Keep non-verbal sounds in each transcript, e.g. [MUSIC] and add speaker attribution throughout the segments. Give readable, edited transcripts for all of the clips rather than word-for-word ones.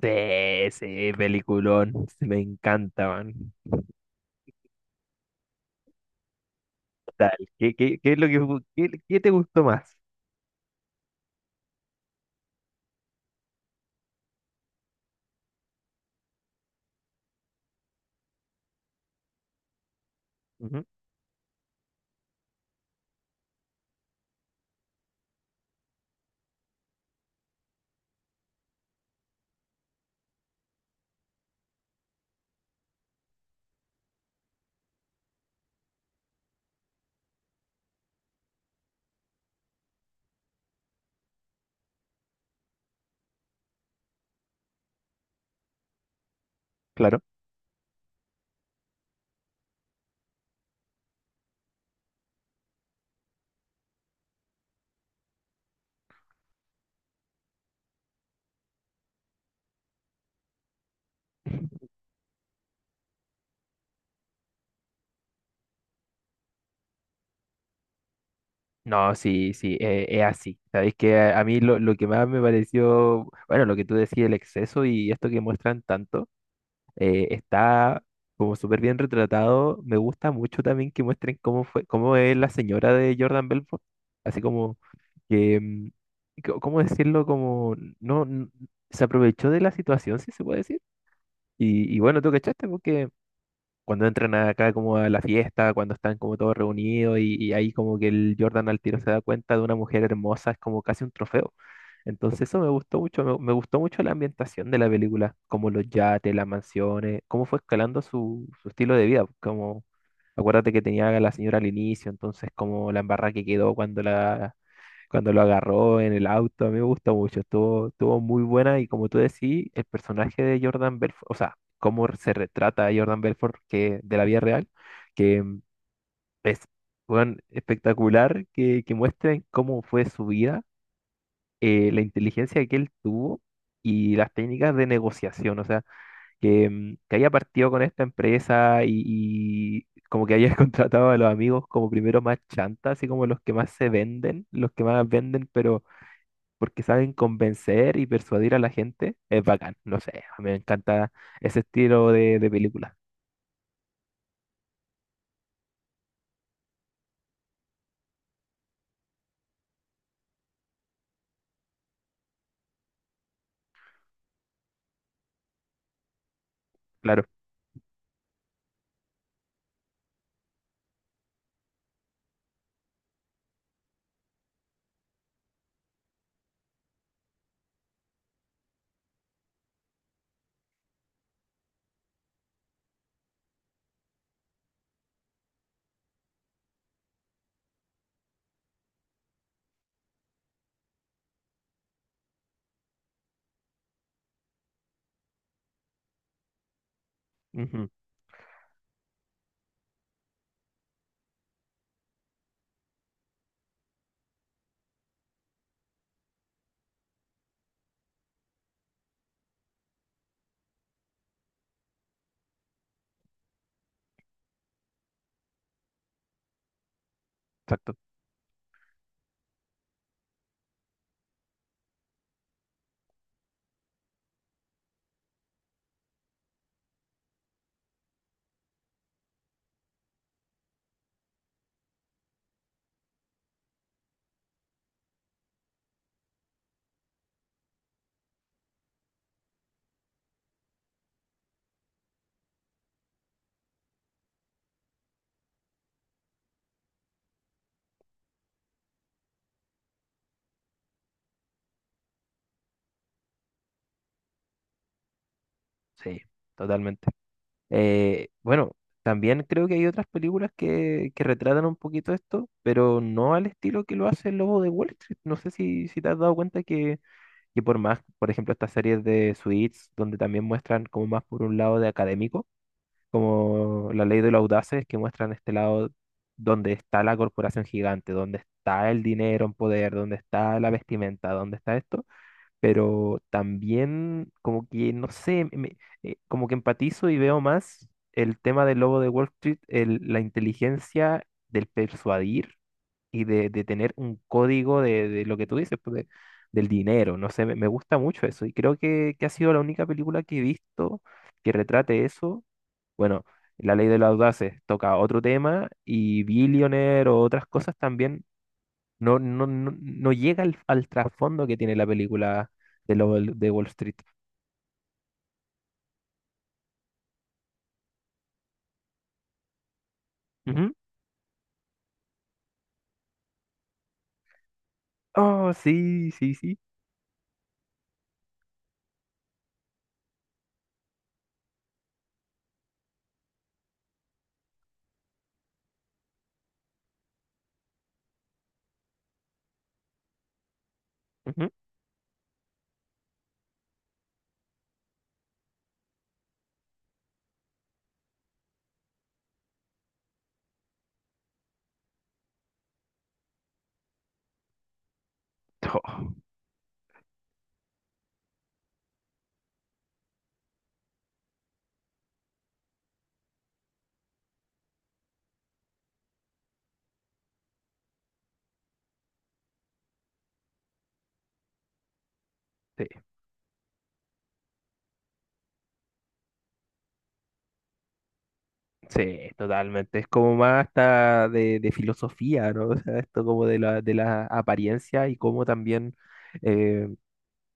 Speaker 1: Sí, sí, peliculón. Sí, me encanta, man. Tal. ¿Qué es lo que fu- qué, qué te gustó más? Ujú, claro. No, sí, sí, es así. Sabéis que a mí lo que más me pareció, bueno, lo que tú decías, el exceso y esto que muestran tanto, está como súper bien retratado. Me gusta mucho también que muestren cómo fue, cómo es la señora de Jordan Belfort. Así como que, ¿cómo decirlo? Como no, se aprovechó de la situación, si se puede decir. Y bueno, tú cachaste porque cuando entran acá como a la fiesta, cuando están como todos reunidos y ahí como que el Jordan al tiro se da cuenta de una mujer hermosa, es como casi un trofeo. Entonces eso me gustó mucho, me gustó mucho la ambientación de la película, como los yates, las mansiones, cómo fue escalando su estilo de vida, como acuérdate que tenía a la señora al inicio, entonces como la embarrada que quedó cuando cuando lo agarró en el auto. A mí me gusta mucho, estuvo muy buena y como tú decís, el personaje de Jordan Belfort, o sea, cómo se retrata a Jordan Belfort que, de la vida real, que es weón, espectacular que muestren cómo fue su vida, la inteligencia que él tuvo y las técnicas de negociación, o sea, que, que haya partido con esta empresa y... Y como que haya [LAUGHS] contratado a los amigos como primero más chanta, así como los que más se venden, los que más venden, pero porque saben convencer y persuadir a la gente. Es bacán, no sé, a mí me encanta ese estilo de película, claro. Ujú, exacto, sí, totalmente. Bueno, también creo que hay otras películas que retratan un poquito esto, pero no al estilo que lo hace el Lobo de Wall Street. No sé si te has dado cuenta que por más, por ejemplo, estas series de Suits, donde también muestran como más por un lado de académico, como la ley de los audaces que muestran este lado donde está la corporación gigante, donde está el dinero en poder, donde está la vestimenta, donde está esto, pero también como que, no sé, como que empatizo y veo más el tema del lobo de Wall Street, el- la inteligencia del persuadir y de tener un código de lo que tú dices, pues, de- del dinero. No sé, me gusta mucho eso. Y creo que ha sido la única película que he visto que retrate eso. Bueno, La Ley de los Audaces toca otro tema y Billionaire o otras cosas también no llega al trasfondo que tiene la película de, de Wall Street. Ujú. Oh, sí, sí, sí. Ujú. [LAUGHS] Oh, sí. Sí, totalmente. Es como más hasta de filosofía, ¿no? [LAUGHS] O sea, esto como de de la apariencia y cómo también eh,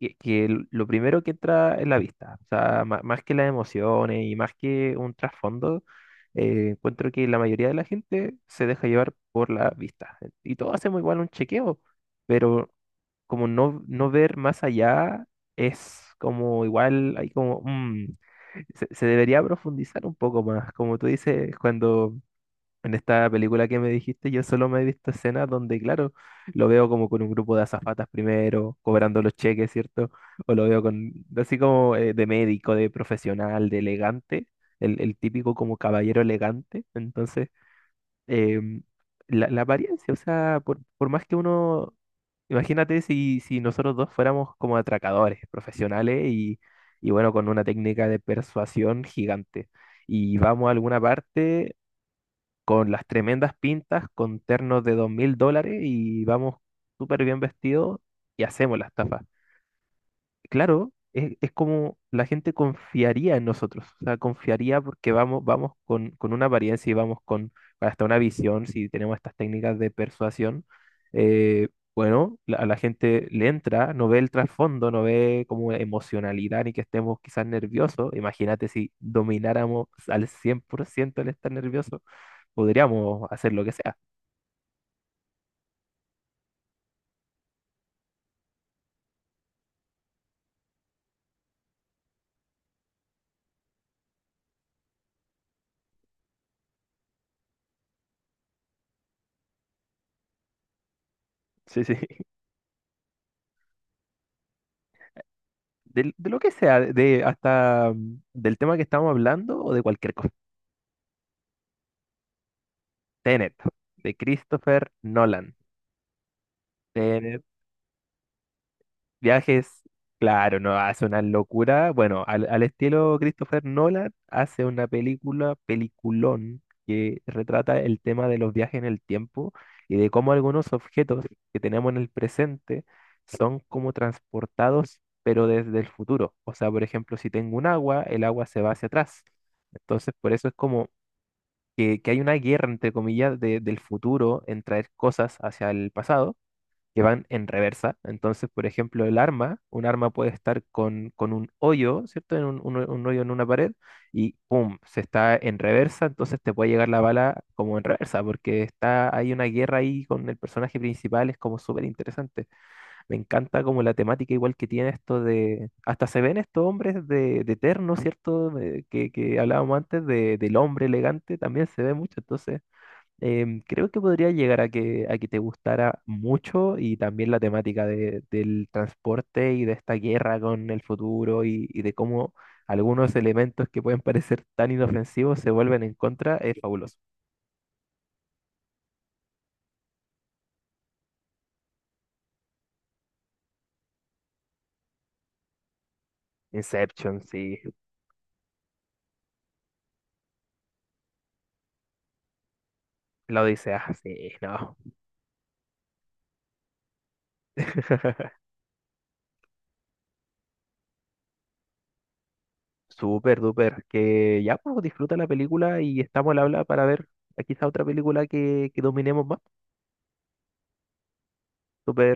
Speaker 1: lo primero que entra es la vista. O sea, más que las emociones y más que un trasfondo, encuentro que la mayoría de la gente se deja llevar por la vista. Y todos hacemos igual un chequeo, pero como no, no ver más allá es como igual, hay como, se debería profundizar un poco más. Como tú dices, cuando en esta película que me dijiste, yo solo me he visto escenas donde, claro, lo veo como con un grupo de azafatas primero, cobrando los cheques, ¿cierto? O lo veo con, así como de médico, de profesional, de elegante, el típico como caballero elegante. Entonces, em, la apariencia, o sea, por más que uno, imagínate si nosotros dos fuéramos como atracadores profesionales y bueno, con una técnica de persuasión gigante y vamos a alguna parte con las tremendas pintas, con ternos de 2000 dólares y vamos súper bien vestidos y hacemos la estafa. Claro, es como la gente confiaría en nosotros, o sea, confiaría porque vamos con una apariencia y vamos con hasta una visión, si tenemos estas técnicas de persuasión. eh, bueno, a la gente le entra, no ve el trasfondo, no ve como emocionalidad ni que estemos quizás nerviosos. Imagínate si domináramos al 100% el estar nervioso podríamos hacer lo que sea. Sí, sí. [LAUGHS] De, lo que sea, de hasta del tema que estamos hablando o de cualquier cosa. Tenet, de Christopher Nolan. Viajes, claro, no hace una locura. Bueno, al estilo Christopher Nolan, hace una película, peliculón, que retrata el tema de los viajes en el tiempo y de cómo algunos objetos que tenemos en el presente son como transportados, pero desde el futuro. O sea, por ejemplo, si tengo un agua, el agua se va hacia atrás. Entonces, por eso es como que hay una guerra, entre comillas, de- del futuro en traer cosas hacia el pasado que van en reversa. Entonces, por ejemplo, el arma, un arma puede estar con un hoyo, ¿cierto? En un un hoyo en una pared y ¡pum! Se está en reversa, entonces te puede llegar la bala como en reversa, porque está, hay una guerra ahí con el personaje principal, es como súper interesante. Me encanta como la temática igual que tiene esto de, hasta se ven estos hombres de terno, ¿cierto? Que hablábamos antes de- del hombre elegante, también se ve mucho, entonces creo que podría llegar a a que te gustara mucho y también la temática de- del transporte y de esta guerra con el futuro y de cómo algunos elementos que pueden parecer tan inofensivos se vuelven en contra, es fabuloso. Inception, sí. La Odisea, sí, no. [LAUGHS] Súper, duper. Que ya, pues disfruta la película y estamos al habla para ver quizá otra película que dominemos más. Súper.